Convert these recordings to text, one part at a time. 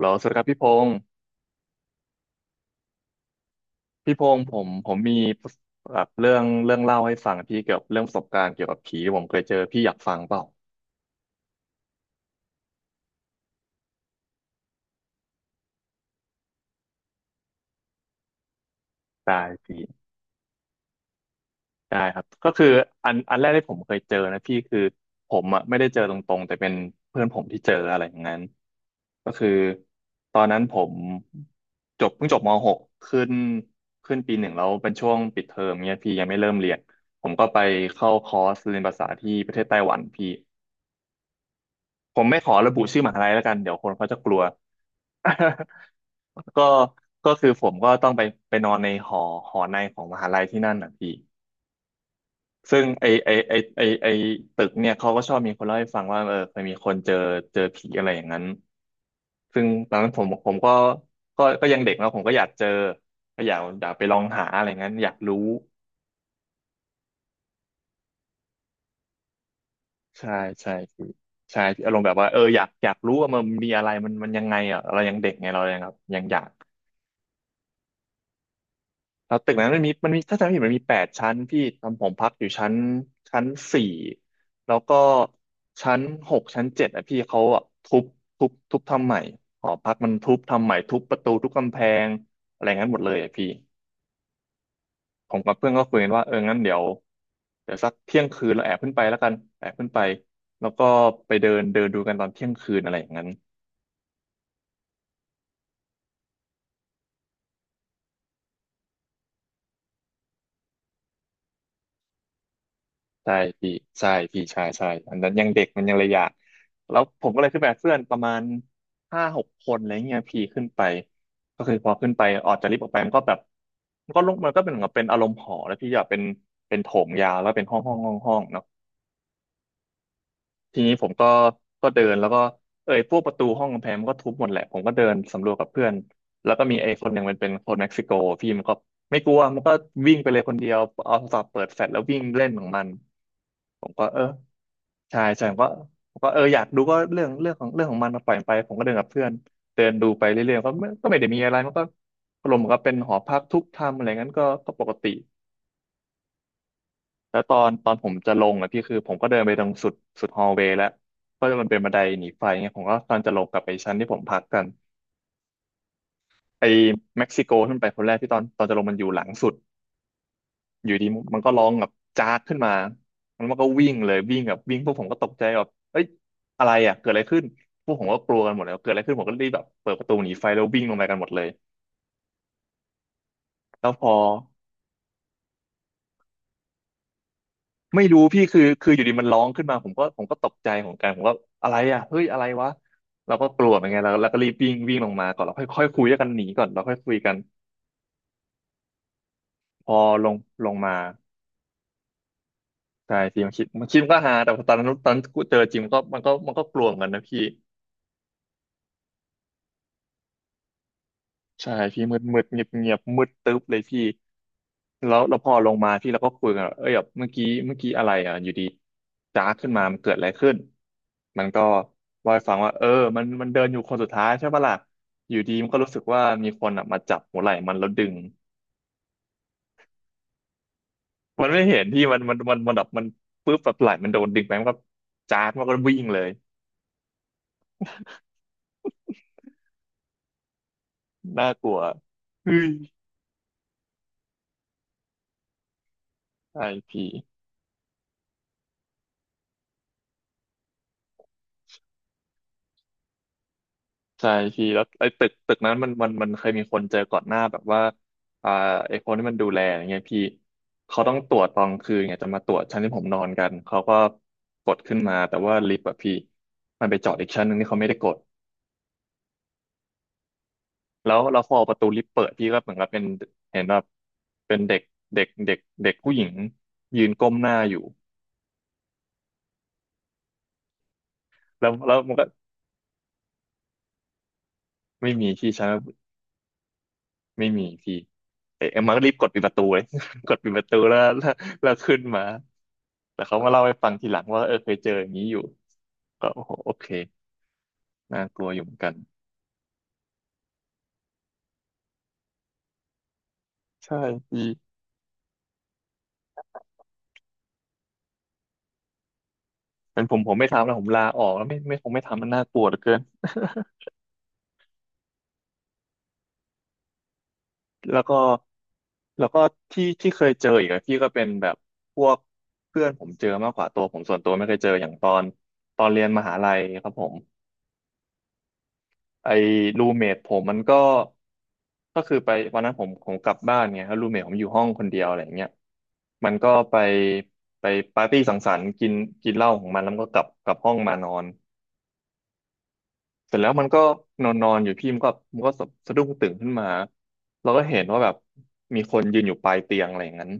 แล้วสวัสดีครับพี่พงศ์พี่พงศ์ผมมีแบบเรื่องเล่าให้ฟังพี่เกี่ยวกับเรื่องประสบการณ์เกี่ยวกับผีที่ผมเคยเจอพี่อยากฟังเปล่าได้พี่ได้ครับก็คืออันแรกที่ผมเคยเจอนะพี่คือผมอ่ะไม่ได้เจอตรงๆแต่เป็นเพื่อนผมที่เจออะไรอย่างนั้นก็คือตอนนั้นผมเพิ่งจบมหกขึ้นขึ้นปีหนึ่งแล้วเป็นช่วงปิดเทอมเนี่ยพี่ยังไม่เริ่มเรียนผมก็ไปเข้าคอร์สเรียนภาษาที่ประเทศไต้หวันพี่ ผมไม่ขอระบุชื่อมหาลัยแล้วกันเดี๋ยวคนเขาจะกลัว ก็ก็คือผมก็ต้องไปนอนในหอในของมหาลัยที่นั่นนะพี่ซึ่งไอไอไอไอไอตึกเนี่ยเขาก็ชอบมีคนเล่าให้ฟังว่าเออเคยมีคนเจอผีอะไรอย่างนั้นซึ่งตอนนั้นผมก็ยังเด็กแล้วผมก็อยากเจอก็อยากไปลองหาอะไรงั้นอยากรู้ใช่ใช่พี่ใช่พี่อารมณ์แบบว่าเอออยากรู้ว่ามันมีอะไรมันมันยังไงอ่ะเรายังเด็กไงเรายังแบบยังอยาก แล้วตึกนั้นมันมีถ้าจำไม่ผิดมันมี8 ชั้นพี่ทำผมพักอยู่ชั้นสี่แล้วก็ชั้นหกชั้นเจ็ดอ่ะพี่เขาอะทุบทำใหม่หอพักมันทุบทำใหม่ทุบประตูทุบกำแพงอะไรงั้นหมดเลยอ่ะพี่ผมกับเพื่อนก็คุยกันว่าเอองั้นเดี๋ยวสักเที่ยงคืนเราแอบขึ้นไปแล้วกันแอบขึ้นไปแล้วก็ไปเดินเดินดูกันตอนเที่ยงคืนอะไรอย่างนั้น ใช่พี่ใช่พี่ใช่ใช่อันนั้นยังเด็กมันยังระยะแล้วผมก็เลยขึ้นไปกับเพื่อนประมาณ5-6 คนอะไรเงี้ยพี่ขึ้นไปก็คือพอขึ้นไปออกจากลิฟต์ออกไปมันก็แบบมันก็ลงมันก็เป็นเหมือนกับเป็นอารมณ์หอแล้วพี่อยากเป็นเป็นโถงยาวแล้วเป็นห้องห้องห้องห้องเนาะทีนี้ผมก็เดินแล้วก็เอ้ยพวกประตูห้องกำแพงมันก็ทุบหมดแหละผมก็เดินสำรวจกับเพื่อนแล้วก็มีไอ้คนหนึ่งมันเป็นคนเม็กซิโกพี่มันก็ไม่กลัวมันก็วิ่งไปเลยคนเดียวเอาโทรศัพท์เปิดแฟลชแล้ววิ่งเล่นของมันผมก็เออ ใช่ใช่ผมก็เอออยากดูก็เรื่องเรื่องของเรื่องของมันปล่อยมันไปผมก็เดินกับเพื่อนเดินดูไปเรื่อยๆก็ไม่ได้มีอะไรมันก็อารมณ์เหมือนก็เป็นหอพักทุกทำอะไรงั้นก็ก็ปกติแล้วตอนผมจะลงอ่ะพี่คือผมก็เดินไปตรงสุดฮอลเวย์แล้วเพราะมันเป็นบันไดหนีไฟเงี้ยผมก็ตอนจะลงกลับไปชั้นที่ผมพักกันไอ้เม็กซิโกขึ้นไปคนแรกที่ตอนจะลงมันอยู่หลังสุด อยู่ดีมันก็ร้องแบบจากขึ้นมาแล้วมันก็วิ่งเลยวิ่งแบบวิ่งพวกผมก็ตกใจแบบเอ้ยอะไรอ่ะเกิดอะไรขึ้นพวกผมก็กลัวกันหมดเลยเกิดอะไรขึ้นผมก็รีบแบบเปิดประตูหนีไฟแล้ววิ่งลงไปกันหมดเลยแล้วพอไม่รู้พี่คือคืออยู่ดีมันร้องขึ้นมาผมก็ตกใจเหมือนกันผมก็อะไรอ่ะเฮ้ยอะไรวะเราก็กลัวเหมือนกันแล้วก็รีบวิ่งวิ่งลงมาก่อนแล้วค่อยค่อยคุยกันหนีก่อนแล้วค่อยคุยกันพอลงลงมาใช่พี่มันคิดมันก็ฮาแต่พอตอนนั้นตอนเจอจริงมันก็กลัวเหมือนกันนะพี่ ใช่พี่มืดมืดเงียบเงียบมืดตึ๊บเลยพี่แล้วพอลงมาพี่เราก็คุยกันว่าเอ้ยแบบเมื่อกี้อะไรอ่ะอยู่ดีจ้าขึ้นมามันเกิดอะไรขึ้นมันก็ว่าให้ฟังว่าเออมันเดินอยู่คนสุดท้ายใช่ปะล่ะอยู่ดีมันก็รู้สึกว่ามีคนอ่ะมาจับหัวไหล่มันแล้วดึงมันไม่เห็นที่มันแบบมันปึ๊บแบบไหล่มันโดนดึงไปมันก็จ้าดมันก็วิ่งเลยน่ากลัวเฮ้ยไอพี่ ใช่พี่แล้วไอ้ตึกนั้นมันเคยมีคนเจอก่อนหน้าแบบว่าอ่าไอ้คนที่มันดูแลอย่างเงี้ยพี่เขาต้องตรวจตอนคืนเนี่ยจะมาตรวจชั้นที่ผมนอนกันเขาก็กดขึ้นมาแต่ว่าลิฟต์อะพี่มันไปจอดอีกชั้นหนึ่งที่เขาไม่ได้กดแล้วเราพอประตูลิฟต์เปิดพี่ก็เหมือนกับเป็นเห็นแบบเป็นเด็กเด็กเด็กเด็กผู้หญิงยืนก้มหน้าอยู่แล้วมันก็ไม่มีที่ชั้น ไม่มีพี่เอ๊ะมันก็รีบกดปิดประตูเลย กดปิดประตูแล้วขึ้นมาแต่เขามาเล่าให้ฟังทีหลังว่าเออเคยเจออย่างนี้อยู่ก็โอ้โหโอเคน่ากลัวอยู่เหมือนกันใช่พี่เป็นผมไม่ทำแล้วผมลาออกแล้วไม่คงไม่ทำมันน่ากลัวเหลือเกิน แล้วก็แล้วก็ที่เคยเจออีกอะพี่ก็เป็นแบบพวกเพื่อนผมเจอมากกว่าตัวผมส่วนตัวไม่เคยเจออย่างตอนเรียนมหาลัยครับผม ไอ้รูเมทผมมันก็ก็คือไปวันนั้นผมกลับบ้านไงแล้วรูเมทผมอยู่ห้องคนเดียวอะไรอย่างเงี้ยมันก็ไปปาร์ตี้สังสรรค์กินกินเหล้าของมันแล้วมันก็กลับห้องมานอนเสร็จแล้วมันก็นอนนอนอยู่พี่มันก็สะดุ้งตื่นขึ้นมาเราก็เห็นว่าแบบมีคนยืนอยู่ปลายเตียงอะไรอย่างนั้น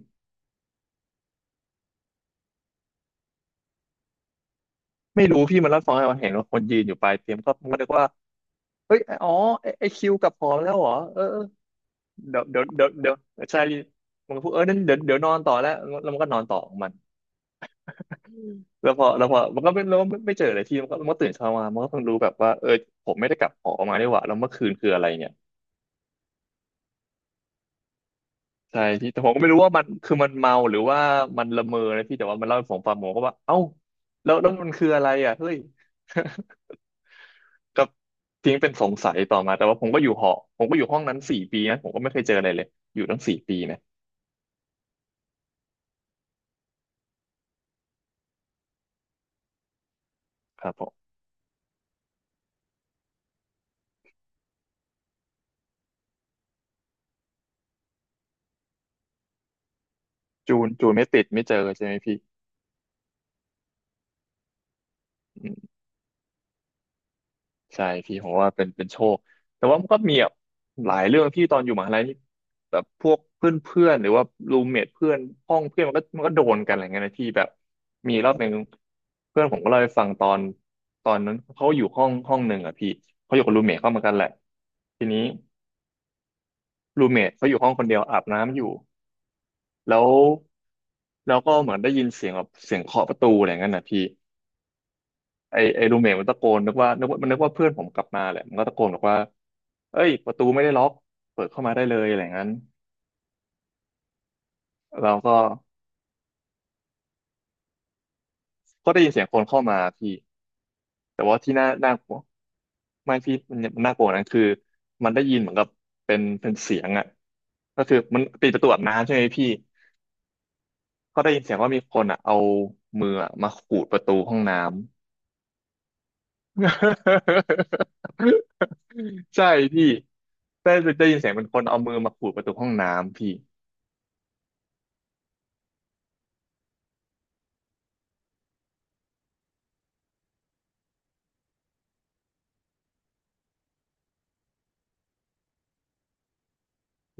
ไม่รู้พี่มันรับฟังให้เราเห็นว่าคนยืนอยู่ปลายเตียงก็มันก็นึกว่าเฮ้ยอ๋อไอ้คิวกลับหอแล้วเหรอเออ เดี๋ยวใช่มันก็พูดเออนั่นเดี๋ยวนอนต่อแล้วแล้วมันก็นอนต่อของมันแล้วพอมันก็ไม่แล้วไม่เจออะไรที่มันก็ตื่นเช้ามามันก็ต้อ่งรู้แบบว่าเออผมไม่ได้กลับหอมานี่หว่าแล้วเมื่อคืนคืออะไรเนี่ยใช่พี่แต่ผมก็ไม่รู้ว่ามันคือมันเมาหรือว่ามันละเมอนะพี่แต่ว่ามันเล่าให้ผมฟังผมก็ว่าเอ้าแล้วมันคืออะไรอ่ะเฮ้ย ก็ทิ้งเป็นสงสัยต่อมาแต่ว่าผมก็อยู่หอผมก็อยู่ห้องนั้นสี่ปีนะผมก็ไม่เคยเจออะไรเลยอยู่ตั้งสี่ปีนะครับผมจูนไม่ติดไม่เจอใช่ไหมพี่ ใช่พี่ผมว่าเป็นโชคแต่ว่ามันก็มีแบบหลายเรื่องที่ตอนอยู่มหาลัยนี่แบบพวกเพื่อนเพื่อนหรือว่ารูมเมทเพื่อนห้องเพื่อนมันก็โดนกันอะไรเงี้ยนะพี่แบบมีรอบหนึ่งเพื่อนผมก็เล่าให้ฟังตอนตอนนั้นเขาอยู่ห้องหนึ่งอ่ะพี่เขาอยู่กับรูมเมทเข้ามากันแหละทีนี้รูมเมทเขาอยู่ห้องคนเดียวอาบน้ำอยู่แล้วแล้วก็เหมือนได้ยินเสียงแบบเสียงเคาะประตูอะไรเงี้ยนะพี่ไอรูเมทมันตะโกนนึกว่าเพื่อนผมกลับมาแหละมันก็ตะโกนบอกว่า เอ้ยประตูไม่ได้ล็อกเปิดเข้ามาได้เลยอะไรอย่างนั้นเราก็ก็ได้ยินเสียงคนเข้ามาพี่แต่ว่าที่น่ากลัวไม่พี่มันน่ากลัวกว่านั้นคือมันได้ยินเหมือนกับเป็นเสียงอ่ะก็คือมันปิดประตูอาบน้ำใช่ไหมพี่ก็ได้ยินเสียงว่ามีคนอ่ะเอามืออะมาขูดประตูห้องน้ำ ใช่พี่ได้ได้ยินเสียงเป็นคนเอามือมาขูดประตูห้องน้ำพี่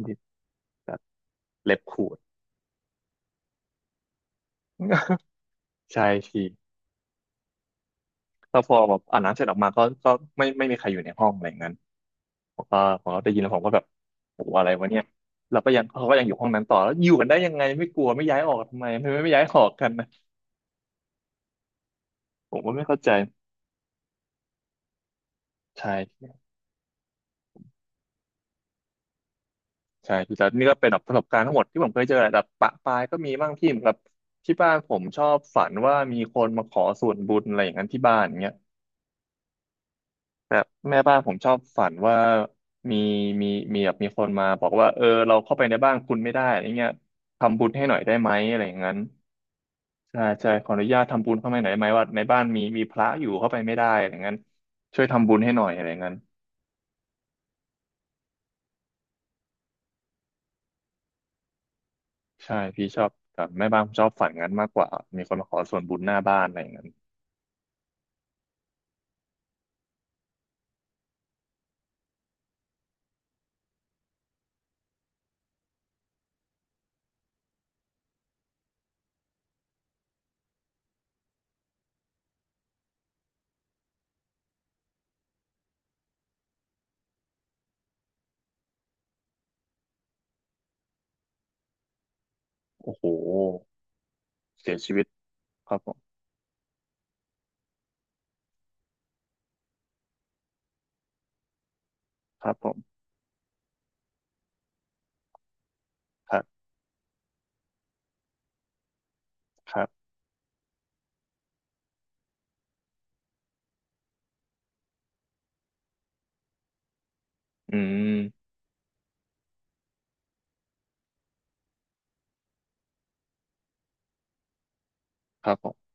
ดิแบบเล็บขูด ใช่พี่ แล้วพอแบบอาบน้ำเสร็จออกมาก็ก็ไม่มีใครอยู่ในห้องอะไรอย่างนั้นผมก็ผมก็ได้ยินแล้วผมก็แบบโอ้โหอะไรวะเนี่ยเราก็ยังเขาก็ยังอยู่ห้องนั้นต่อแล้วอยู่กันได้ยังไงไม่กลัวไม่ย้ายออกทำไมไม่ย้ายออกกันนะผมก็ไม่เข้าใจใช่ใช่แต่นี่ก็เป็นแบบประสบการณ์ทั้งหมดที่ผมเคยเจอแหละแต่ปะปายก็มีบ้างที่แบบที่บ้านผมชอบฝันว่ามีคนมาขอส่วนบุญอะไรอย่างนั้นที่บ้านอย่างเงี้ย แบบแม่บ้านผมชอบฝันว่ามีมีมีคนมาบอกว่าเออเราเข้าไปในบ้านคุณไม่ได้อะไรเงี้ยทำบุญให้หน่อยได้ไหมอะไรอย่างนั้นใช่ใช่ขออนุญาตทำบุญเข้าไปหน่อยได้ไหมว่าในบ้านมีพระอยู่เข้าไปไม่ได้อะไรอย่างนั้นช่วยทำบุญให้หน่อยอะไรอย่างนั้นใช่พี่ชอบแบบแม่บ้านผมชอบฝันงั้นมากกว่ามีคนมาขอส่วนบุญหน้าบ้านอะไรอย่างนั้นโอ้โหเสียชีวิตครับผมครับผมครับครับอืมครับผม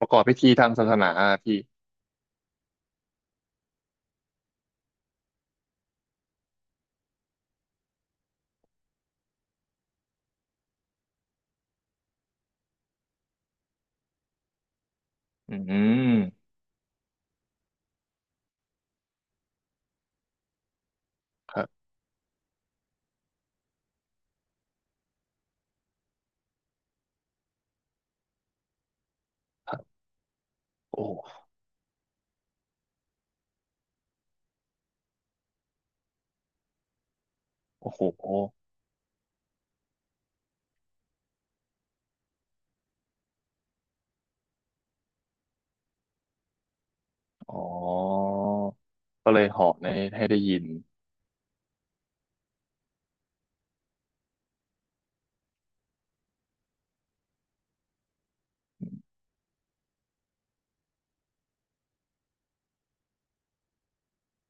ประกอบพิธีทางศาสนาอะพี่อืมครับครับโอ้ โอ้โหอ๋อก็เลยเหาะในให้ได้ยิน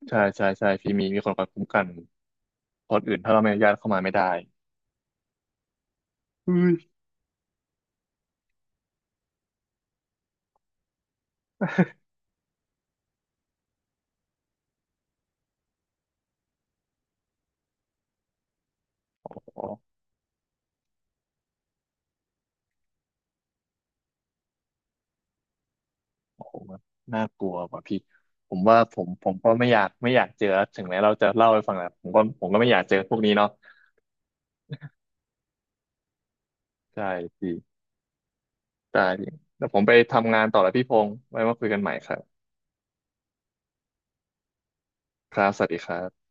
ใช่ใช่ใช่พี่มีมีคนคอยคุ้มกันคนอื่นถ้าเราไม่อนุญาตเข้ามาไม่ได้โอ้โอ้โหมันน่ากลัวกว่าพี่ ผมว่าผมก็ไม่อยากเจอ ถึงแม้เราจะเล่าให้ฟังแหละผมก็ไม่อยากเจอพวกนี้เนาะใช่พี่ได้พี่แล้วผมไปทำงานต่อแล้วพี่พงษ์ไว้มาคุยกันใหม่ครับครับสวัสดีครับ